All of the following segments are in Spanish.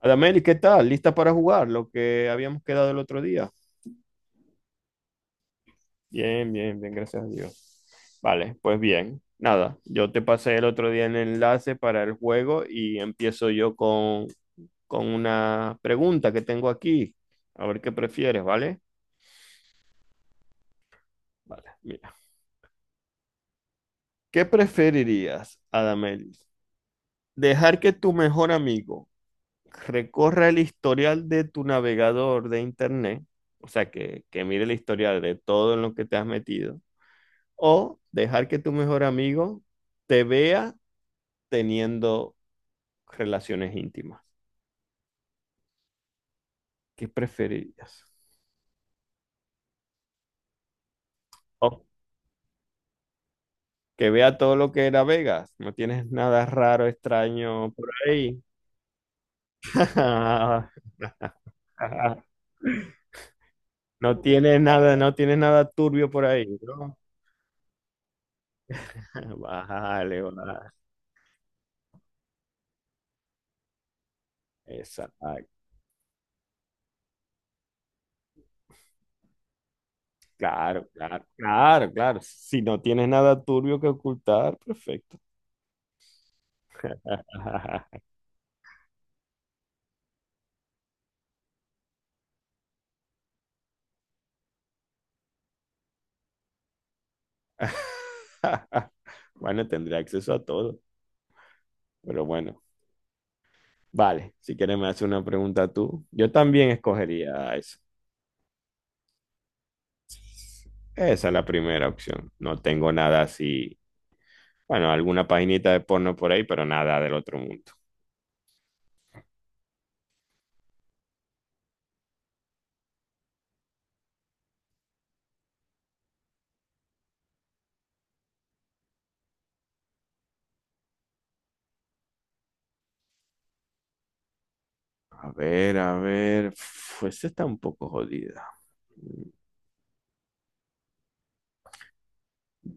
Adameli, ¿qué tal? ¿Lista para jugar? Lo que habíamos quedado el otro día. Bien, bien, bien, gracias a Dios. Vale, pues bien. Nada, yo te pasé el otro día el enlace para el juego y empiezo yo con una pregunta que tengo aquí. A ver qué prefieres, ¿vale? Vale, mira. ¿Qué preferirías, Adameli? ¿Dejar que tu mejor amigo recorra el historial de tu navegador de internet? O sea, que mire el historial de todo en lo que te has metido o dejar que tu mejor amigo te vea teniendo relaciones íntimas. ¿Qué preferirías? O que vea todo lo que era Vegas. No tienes nada raro, extraño por ahí. No tienes nada, no tienes nada turbio por ahí, ¿no? Vale, vale. Exacto. Claro, claro, claro, claro. Si no tienes nada turbio que ocultar, perfecto. Bueno, tendré acceso a todo, pero bueno. Vale, si quieres me haces una pregunta tú. Yo también escogería eso. Esa es la primera opción. No tengo nada así. Bueno, alguna paginita de porno por ahí, pero nada del otro mundo. A ver, a ver. Uf, esa está un poco jodida.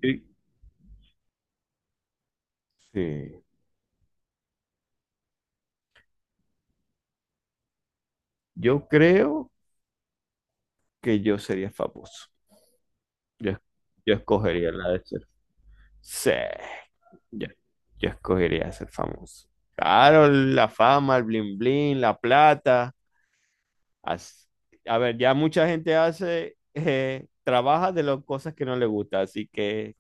Sí. Sí. Yo creo que yo sería famoso. Yo, yo escogería la de ser. Sí. Yo, yo escogería ser famoso. Claro, la fama, el bling bling, la plata. As- a ver, ya mucha gente hace, trabaja de las cosas que no le gusta, así que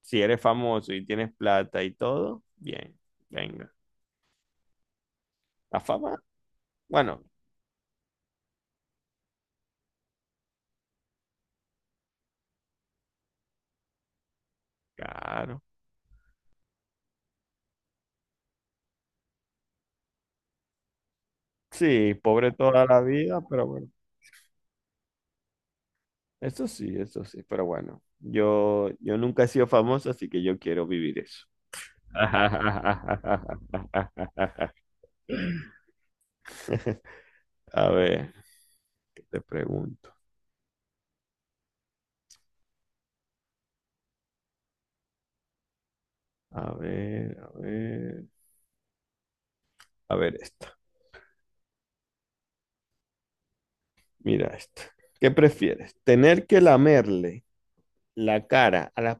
si eres famoso y tienes plata y todo, bien, venga. La fama, bueno, claro. Sí, pobre toda la vida, pero bueno, eso sí, pero bueno, yo nunca he sido famoso, así que yo quiero vivir eso. A ver, ¿qué te pregunto? A ver, a ver, a ver esto. Mira esto. ¿Qué prefieres? ¿Tener que lamerle la cara a las,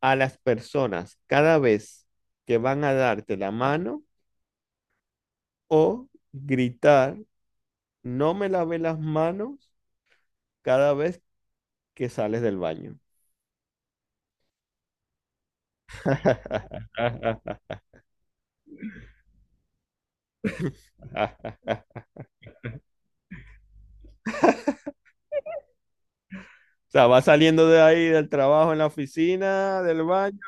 a las personas cada vez que van a darte la mano o gritar, no me lavé las manos cada vez que sales del baño? O sea, va saliendo de ahí del trabajo en la oficina, del baño.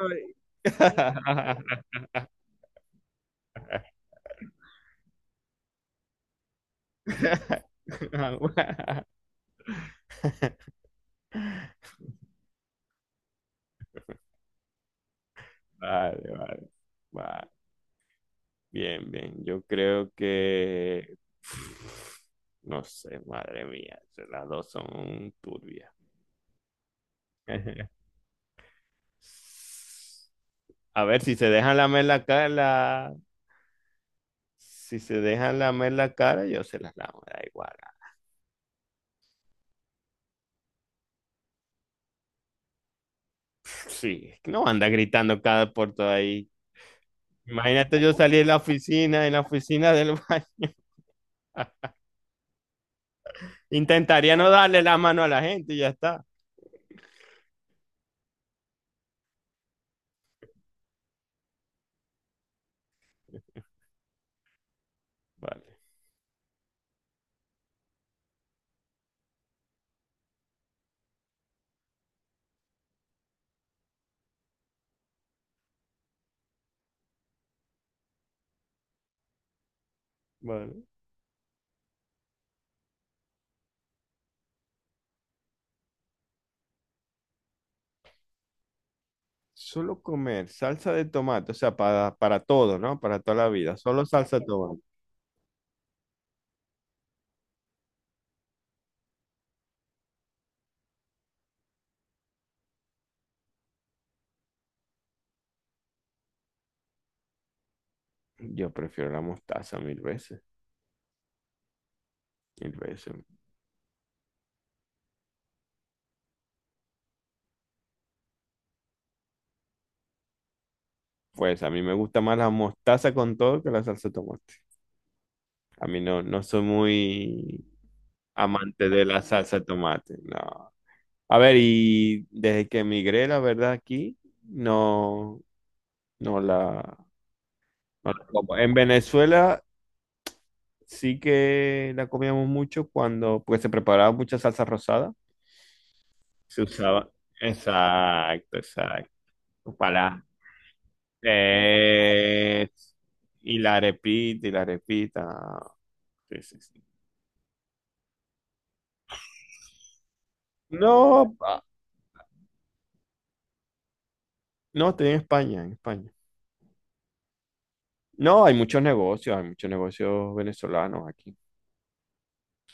y- Vale, vale, vale. Bien, bien. Yo creo que... No sé, madre mía. Las dos son turbias. A ver, si se dejan lamer la cara, si se dejan lamer la cara, yo se las lamo, da igual. Sí, es que no anda gritando cada puerto ahí. Imagínate yo salir de la oficina, en la oficina del baño. Intentaría no darle la mano a la gente y ya está. Vale, vale. Solo comer salsa de tomate, o sea, para todo, ¿no? Para toda la vida. Solo salsa de tomate. Yo prefiero la mostaza mil veces, mil veces. Pues a mí me gusta más la mostaza con todo que la salsa de tomate. A mí no, no soy muy amante de la salsa de tomate, no. A ver, y desde que emigré, la verdad, aquí, no, no la, no la como. En Venezuela sí que la comíamos mucho cuando, pues se preparaba mucha salsa rosada. Se usaba. Exacto, exacto. Para. Eh, y la arepita, y la repita. Sí, sí, sí. No, ah, no, estoy en España, en España. No, hay muchos negocios venezolanos aquí.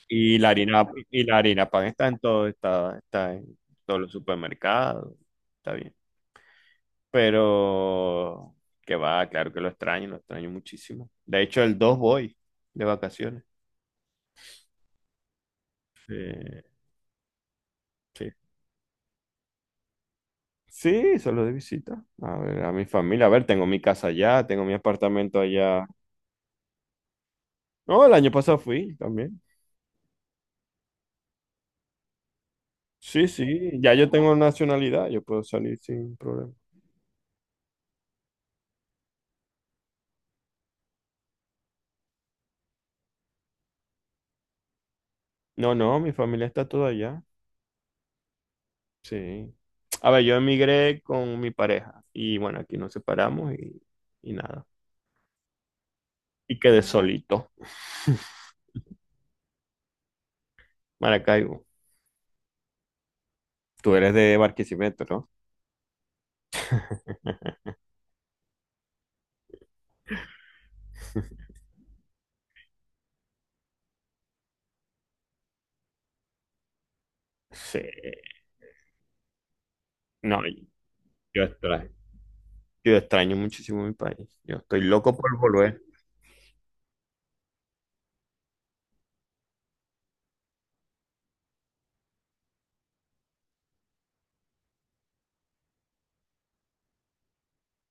Y la harina pan está en todo, está en todos los supermercados, está bien. Pero que va, claro que lo extraño muchísimo. De hecho, el 2 voy de vacaciones. Eh, Sí, sí, solo de visita. A ver, a mi familia. A ver, tengo mi casa allá, tengo mi apartamento allá. No, el año pasado fui también. Sí, sí, ya yo tengo nacionalidad, yo puedo salir sin problema. No, no, mi familia está toda allá. Sí. A ver, yo emigré con mi pareja y bueno, aquí nos separamos y nada. Y quedé solito. Maracaibo, tú eres de Barquisimeto, ¿no? Sí. No, yo estoy, yo extraño muchísimo mi país. Yo estoy loco por volver.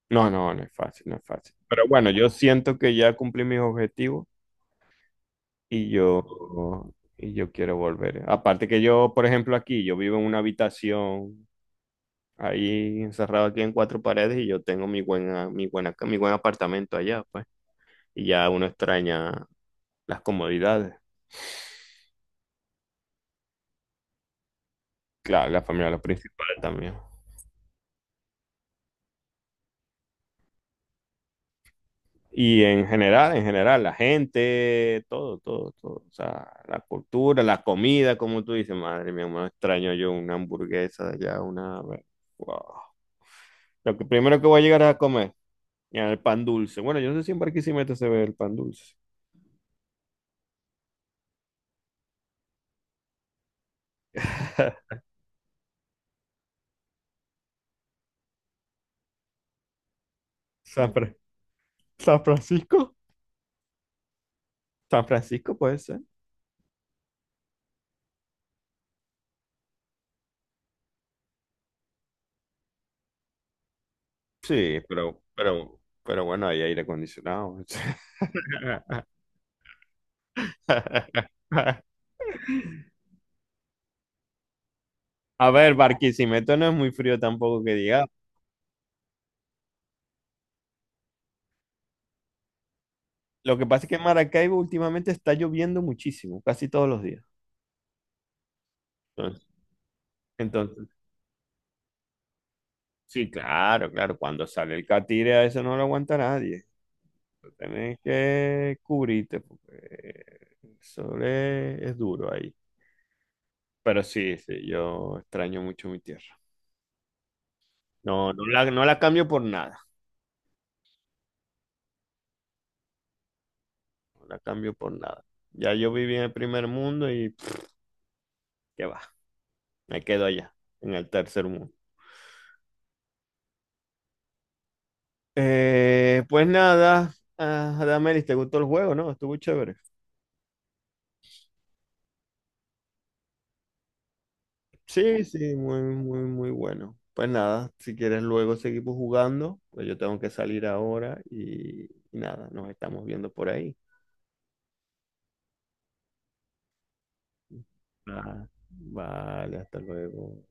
No, no, no es fácil, no es fácil. Pero bueno, yo siento que ya cumplí mis objetivos y yo quiero volver. Aparte que yo, por ejemplo, aquí, yo vivo en una habitación ahí encerrado aquí en cuatro paredes y yo tengo mi buen apartamento allá, pues. Y ya uno extraña las comodidades. Claro, la familia es lo principal también. Y en general, la gente, todo, todo, todo. O sea, la cultura, la comida, como tú dices, madre mía, me extraño yo una hamburguesa de allá, una... Wow. Lo que primero que voy a llegar es a comer, ya, el pan dulce. Bueno, yo no sé si en Barquisimeto se ve el pan dulce. San Fra- San Francisco, San Francisco puede ser. Sí, pero bueno, hay aire acondicionado. A ver, Barquisimeto no es muy frío tampoco que diga. Lo que pasa es que en Maracaibo últimamente está lloviendo muchísimo, casi todos los días. Entonces, entonces, sí, claro, claro, cuando sale el catire a eso no lo aguanta nadie. Tienes que cubrirte porque es duro ahí. Pero sí, sí, yo extraño mucho mi tierra. No, no la cambio por nada, no la cambio por nada. Ya yo viví en el primer mundo y pff, qué va, me quedo allá, en el tercer mundo. Pues nada, ah, Adamel, ¿te gustó el juego, no? Estuvo chévere. Sí, sí, muy, muy, muy bueno. Pues nada, si quieres luego seguimos jugando, pues yo tengo que salir ahora y nada, nos estamos viendo por ahí. Ah, vale, hasta luego.